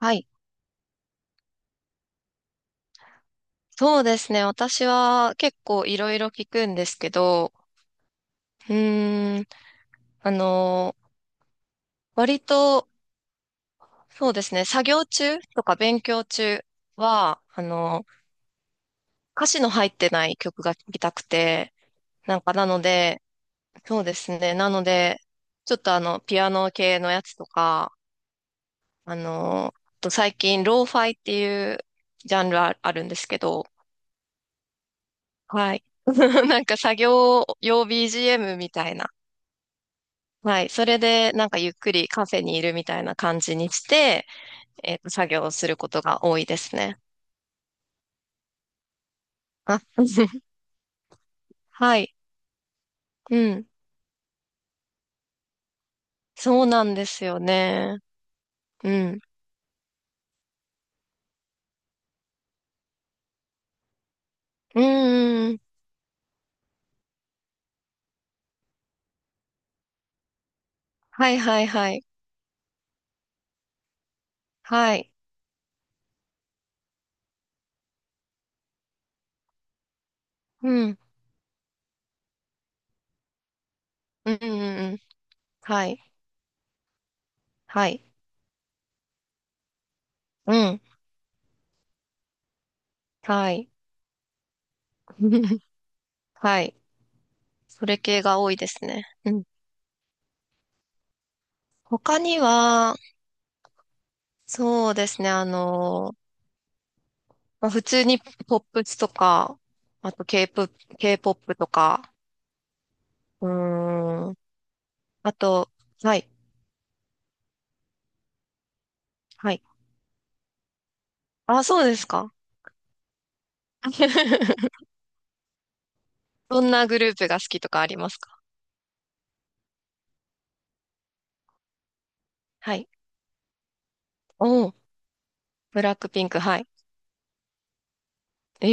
はい。そうですね。私は結構いろいろ聞くんですけど、うーん、あのー、割と、そうですね。作業中とか勉強中は、歌詞の入ってない曲が聴きたくて、なんかなので、そうですね。なので、ちょっと、ピアノ系のやつとか、あと最近、ローファイっていうジャンルああるんですけど、はい。なんか作業用 BGM みたいな。はい。それで、なんかゆっくりカフェにいるみたいな感じにして、作業をすることが多いですね。あ、はい。うん。そうなんですよね。うん。うんうんうん。はいはいはい。はい。うん。うんうんうん。はい。はい。うん。はい。はい。それ系が多いですね。うん。他には、そうですね。まあ、普通にポップスとか、あと K-POP、K-POP とか、うーん。あと、はい。はい。あ、そうですか。どんなグループが好きとかありますか？はい。おー、ブラックピンク、はい。え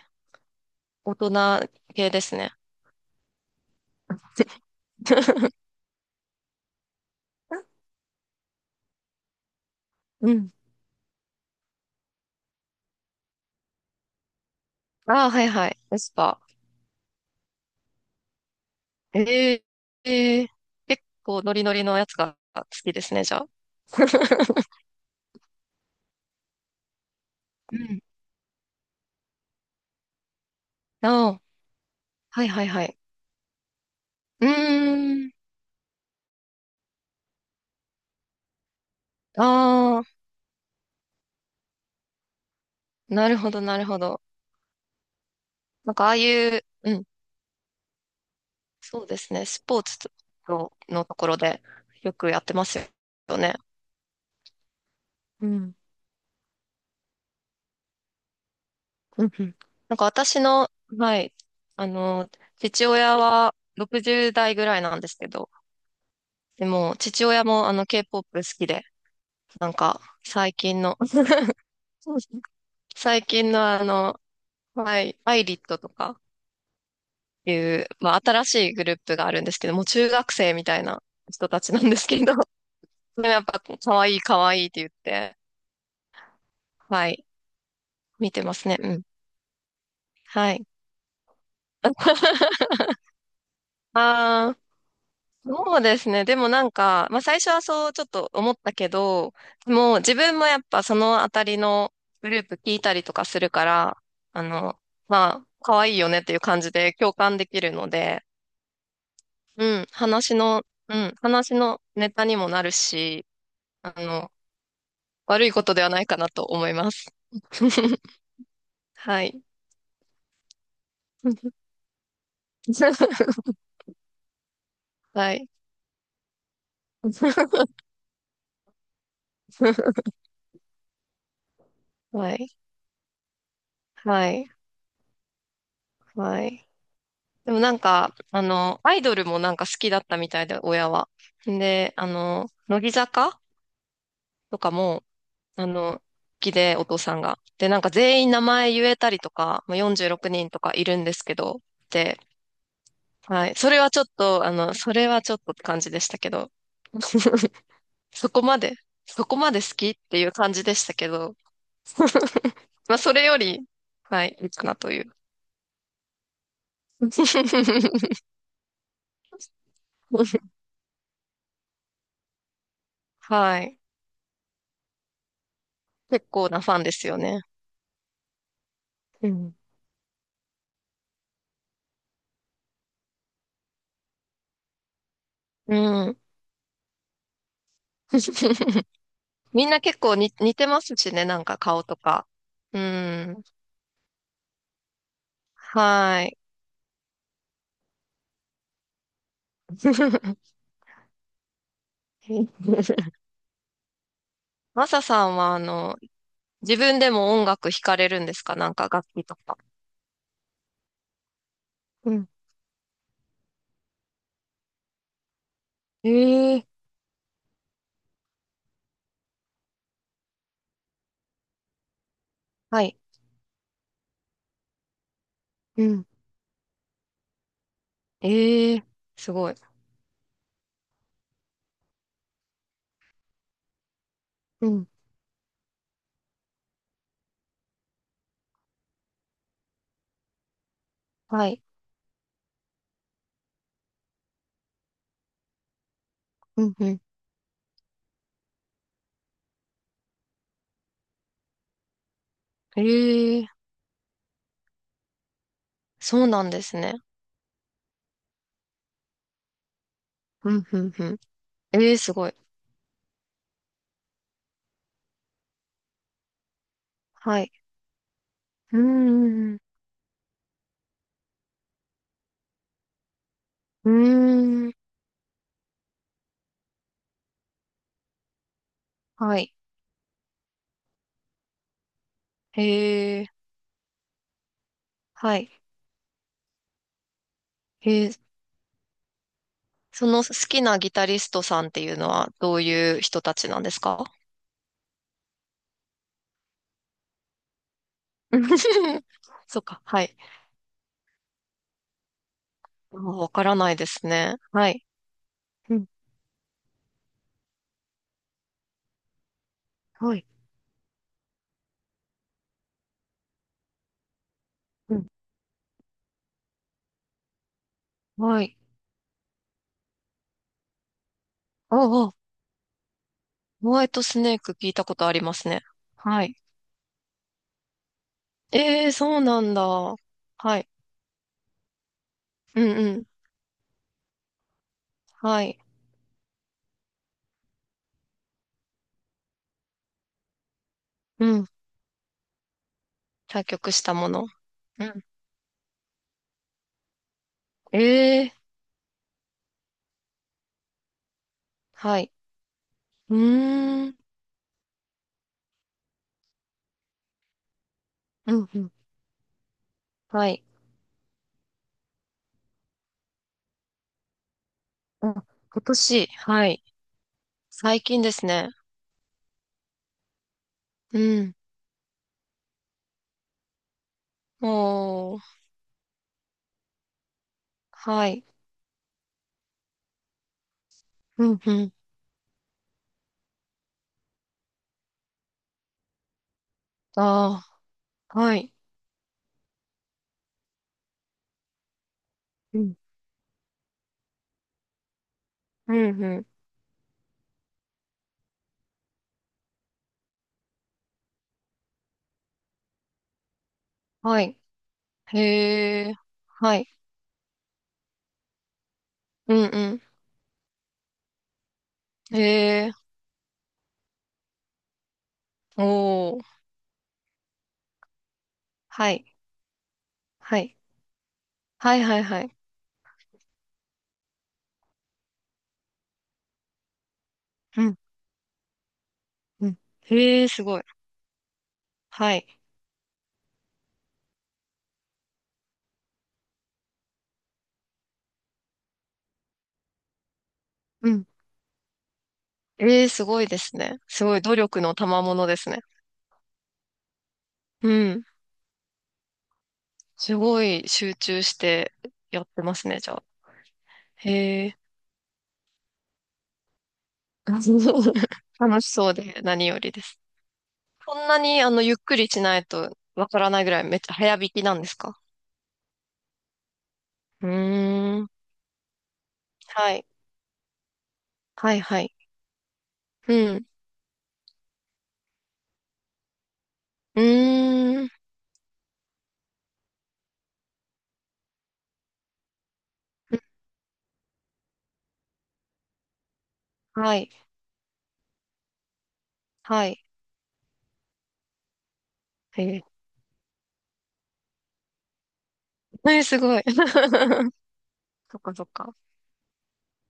え、大人系ですね。うん。ああ、はいはい。エスパー。ええええ、結構ノリノリのやつが好きですね、じゃあ。うん。ああ、はいはいはい。うーん。ああ、なるほど、なるほど。なんかああいう、うん。そうですね。スポーツの、ところでよくやってますよね。うん。うんうん。なんか私の、はい、あの、父親は60代ぐらいなんですけど、でも、父親もあの K-POP 好きで、なんか、最近のはい、アイリットとかいう、まあ、新しいグループがあるんですけど、もう中学生みたいな人たちなんですけど、でもやっぱ、可愛い可愛いって言って、はい、見てますね。うん。はい。ああ、そうですね。でもなんか、まあ最初はそうちょっと思ったけど、もう自分もやっぱそのあたりのグループ聞いたりとかするから、あの、まあ、可愛いよねっていう感じで共感できるので、うん、うん、話のネタにもなるし、あの、悪いことではないかなと思います。はい。はい。はい。はい。はい。でもなんか、アイドルもなんか好きだったみたいで、親は。で、乃木坂とかも、好きで、お父さんが。で、なんか全員名前言えたりとか、まあ、46人とかいるんですけど、で、はい。それはちょっと、それはちょっとって感じでしたけど、そこまで、そこまで好きっていう感じでしたけど、まあ、それより、はい、いいかなという。はい。結構なファンですよね。うんうん。みんな結構に似てますしね、なんか顔とか。うん。はい。マサさんは、自分でも音楽弾かれるんですか？なんか楽器とか。うん。ええ、はい。うん。ええ、すごい。うん。はい。うん、うん。ええ、そうなんですね。うん、うん、うん。ええ、すごい。はい。うーん。うーん。はい。ええ、はい。ええ、その好きなギタリストさんっていうのはどういう人たちなんですか？ そうか、はい。もうわからないですね。はい。うん、はい。うん、はい。おあ、お、ホワイトスネーク聞いたことありますね。はい。ええ、そうなんだ。はい。うんうん。はい。うん。作曲したもの。うん。ええ、はい。うーん。うんうん。はい。あ、今年、はい。最近ですね。うん。もう、はい。うん、うん。ああ、はい。うん、うん、うん。はい。へえ、はい。うん、うん。へえ、おー。はい、はい。はい、はい、はい。うん、うん。へえ、すごい。はい。うん。ええ、すごいですね。すごい努力の賜物ですね。うん。すごい集中してやってますね、じゃあ。へえ。楽しそうで何よりです。こんなにゆっくりしないとわからないぐらいめっちゃ早弾きなんですか？うーん。はい。はい、はい。うん。うーん。はい。はい。えー、えー、すごい。そっかそっか。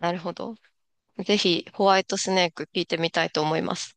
なるほど。ぜひ、ホワイトスネーク聞いてみたいと思います。